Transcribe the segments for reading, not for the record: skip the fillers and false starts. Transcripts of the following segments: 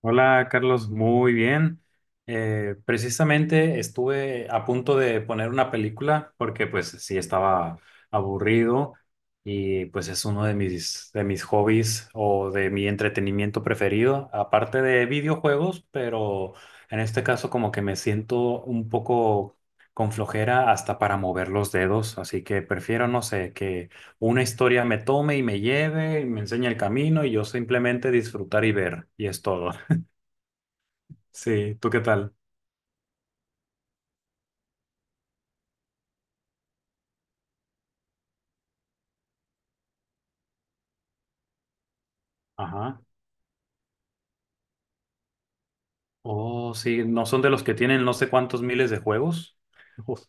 Hola Carlos, muy bien. Precisamente estuve a punto de poner una película porque pues sí estaba aburrido y pues es uno de mis hobbies o de mi entretenimiento preferido, aparte de videojuegos, pero en este caso como que me siento un poco con flojera hasta para mover los dedos, así que prefiero, no sé, que una historia me tome y me lleve, y me enseñe el camino y yo simplemente disfrutar y ver, y es todo. Sí, ¿tú qué tal? Ajá. Oh, sí, no son de los que tienen no sé cuántos miles de juegos. Uf,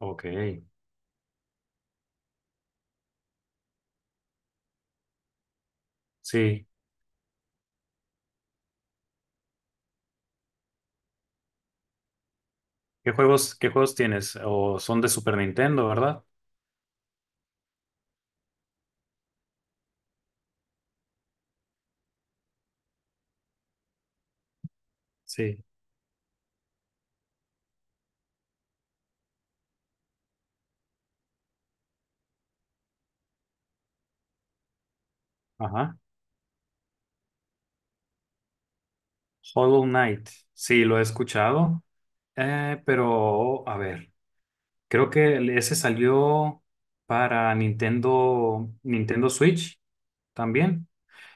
ok, sí. Qué juegos tienes? O son de Super Nintendo, ¿verdad? Sí. Ajá. Hollow Knight. Sí, lo he escuchado. Pero, a ver, creo que ese salió para Nintendo, Nintendo Switch también.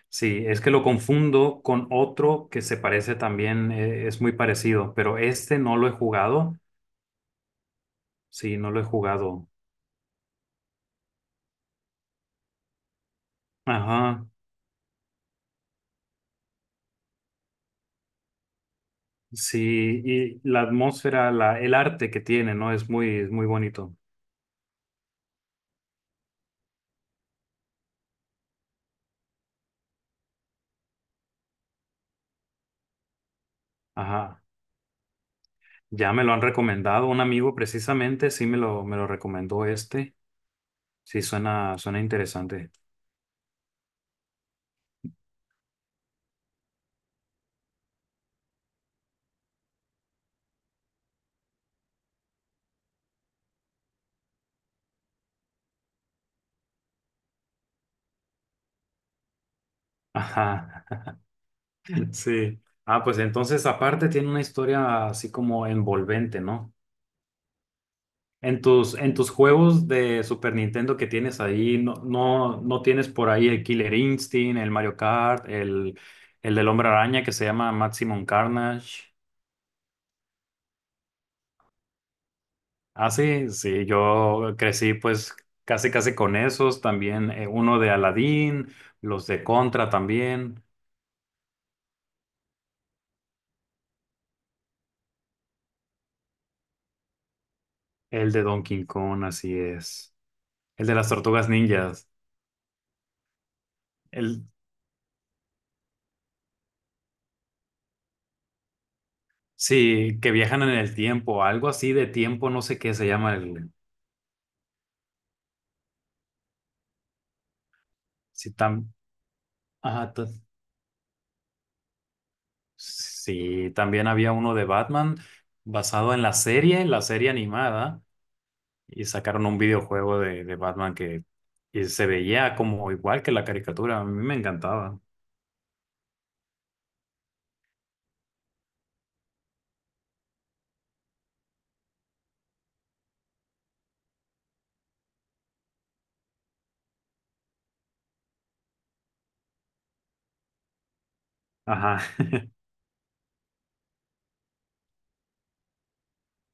Sí, es que lo confundo con otro que se parece también, es muy parecido, pero este no lo he jugado. Sí, no lo he jugado. Ajá, sí, y la atmósfera, la, el arte que tiene, ¿no? Es muy bonito. Ajá, ya me lo han recomendado, un amigo precisamente, sí me lo recomendó este. Sí, suena, suena interesante. Ajá, sí. Ah, pues entonces aparte tiene una historia así como envolvente, ¿no? En tus juegos de Super Nintendo que tienes ahí, no, no, no tienes por ahí el Killer Instinct, el Mario Kart, el del Hombre Araña que se llama Maximum Carnage. Ah, sí, sí, yo crecí pues casi casi con esos, también uno de Aladdin, los de Contra también, el de Donkey Kong, así es, el de las Tortugas Ninjas, el, sí, que viajan en el tiempo, algo así de tiempo, no sé qué se llama el... Sí, tam, ajá, ta- Sí, también había uno de Batman basado en la serie animada, y sacaron un videojuego de Batman que y se veía como igual que la caricatura. A mí me encantaba. Ajá.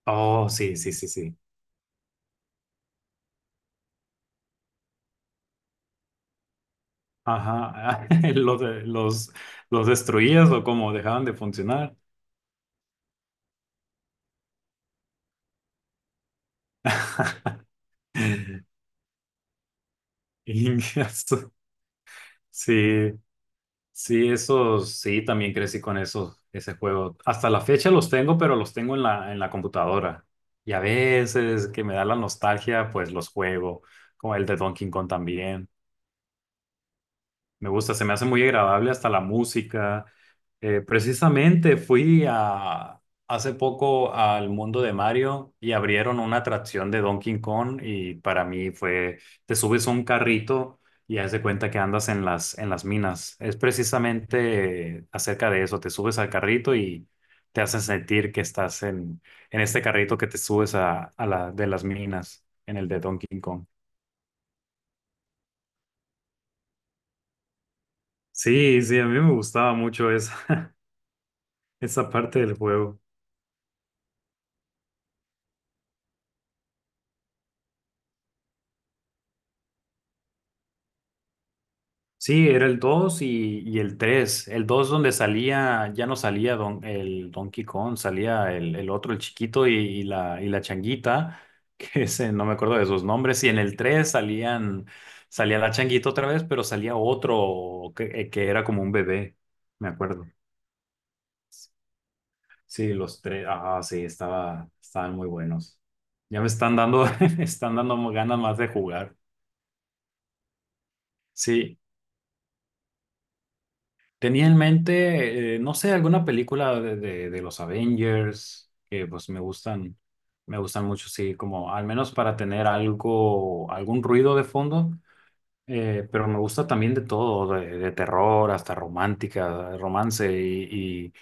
Oh, sí, sí, sí, sí. Ajá. Los, de- los destruías o como dejaban de funcionar. Ingazo. Sí. Sí, esos, sí, también crecí con esos, ese juego. Hasta la fecha los tengo, pero los tengo en la computadora. Y a veces que me da la nostalgia, pues los juego, como el de Donkey Kong también. Me gusta, se me hace muy agradable hasta la música. Precisamente fui a, hace poco al mundo de Mario y abrieron una atracción de Donkey Kong y para mí fue, te subes a un carrito y haz de cuenta que andas en las minas. Es precisamente acerca de eso, te subes al carrito y te hacen sentir que estás en este carrito que te subes a la de las minas, en el de Donkey Kong. Sí, sí, a mí me gustaba mucho esa, esa parte del juego. Sí, era el 2 y el 3. El 2 donde salía, ya no salía don, el Donkey Kong, salía el otro, el chiquito y la changuita, que ese, no me acuerdo de sus nombres. Y en el 3 salían, salía la changuita otra vez, pero salía otro que era como un bebé, me acuerdo. Sí, los tres, ah, sí, estaba, estaban muy buenos. Ya me están dando, me están dando ganas más de jugar. Sí, tenía en mente, no sé, alguna película de los Avengers, que pues me gustan mucho, sí, como al menos para tener algo, algún ruido de fondo, pero me gusta también de todo, de terror hasta romántica, romance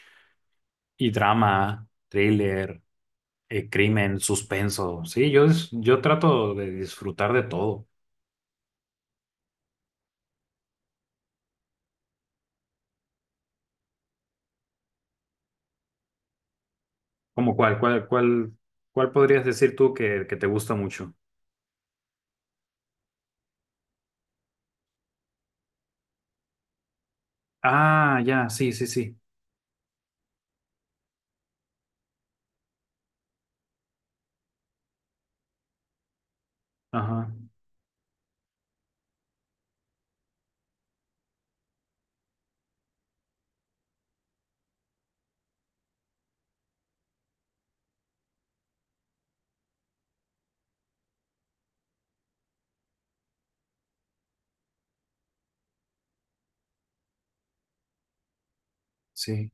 y drama, thriller, crimen, suspenso, sí, yo, es- yo trato de disfrutar de todo. ¿Cómo cuál, cuál, cuál, cuál podrías decir tú que te gusta mucho? Ah, ya, sí, sí, sí, ajá. Sí,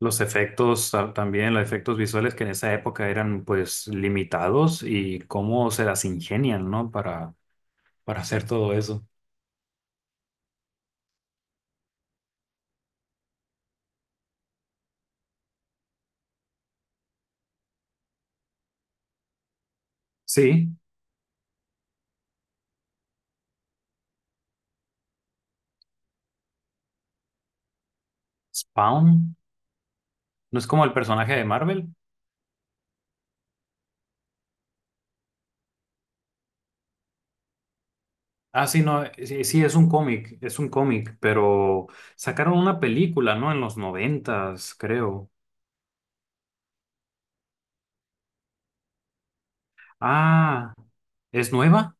los efectos ta- también, los efectos visuales que en esa época eran pues limitados y cómo se las ingenian, ¿no? Para hacer todo eso. Sí, Spawn, ¿no es como el personaje de Marvel? Ah, sí, no, sí, sí, es un cómic, pero sacaron una película, ¿no? En los noventas, creo. Ah, ¿es nueva?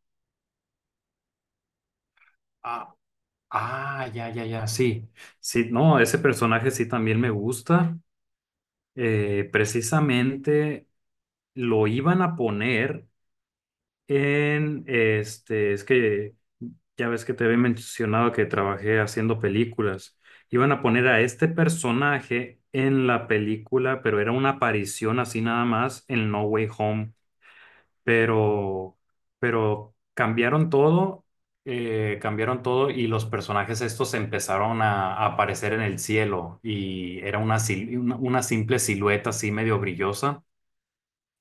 Ah, ah, ya, ya, ya, sí. Sí, no, ese personaje sí también me gusta. Precisamente lo iban a poner en, este, es que ya ves que te había mencionado que trabajé haciendo películas, iban a poner a este personaje en la película, pero era una aparición así nada más en No Way Home, pero, pero cambiaron todo. Cambiaron todo y los personajes estos empezaron a aparecer en el cielo y era una, sil- una simple silueta así medio brillosa,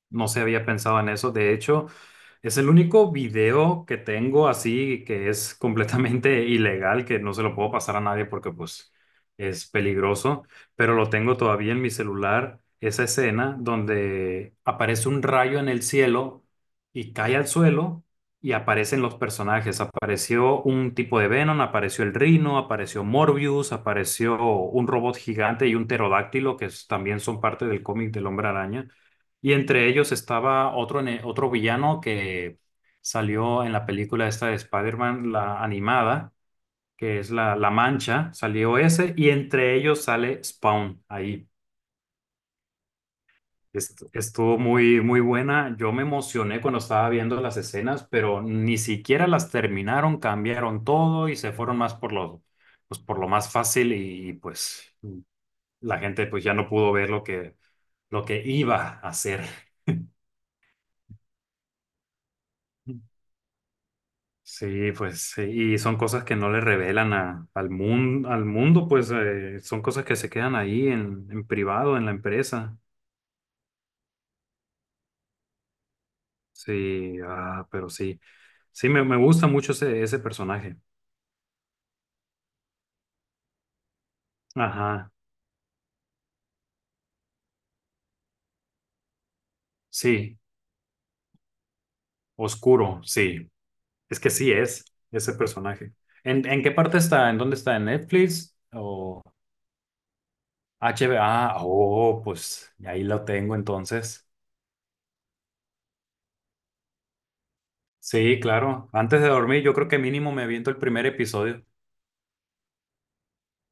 no se había pensado en eso. De hecho, es el único video que tengo así que es completamente ilegal, que no se lo puedo pasar a nadie porque pues es peligroso, pero lo tengo todavía en mi celular, esa escena donde aparece un rayo en el cielo y cae al suelo y aparecen los personajes. Apareció un tipo de Venom, apareció el Rhino, apareció Morbius, apareció un robot gigante y un pterodáctilo que es- también son parte del cómic del Hombre Araña. Y entre ellos estaba otro, ne- otro villano que salió en la película esta de Spider-Man, la animada, que es la, la Mancha, salió ese, y entre ellos sale Spawn ahí. Est- Estuvo muy, muy buena. Yo me emocioné cuando estaba viendo las escenas, pero ni siquiera las terminaron, cambiaron todo y se fueron más por lo, pues por lo más fácil y, pues la gente pues ya no pudo ver lo que iba a hacer. Sí, pues, sí, y son cosas que no le revelan a- al mundo, pues son cosas que se quedan ahí en privado, en la empresa. Sí, ah, pero sí, sí, me gusta mucho ese, ese personaje. Ajá, sí, oscuro, sí, es que sí es ese personaje. En qué parte está? ¿En dónde está? ¿En Netflix o H HBO? Ah, oh, pues ahí lo tengo entonces. Sí, claro, antes de dormir yo creo que mínimo me aviento el primer episodio.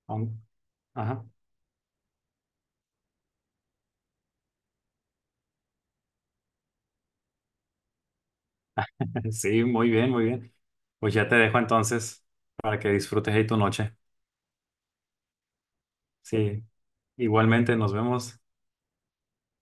Aun- Ajá. Sí, muy bien, muy bien. Pues ya te dejo entonces para que disfrutes ahí tu noche. Sí, igualmente nos vemos.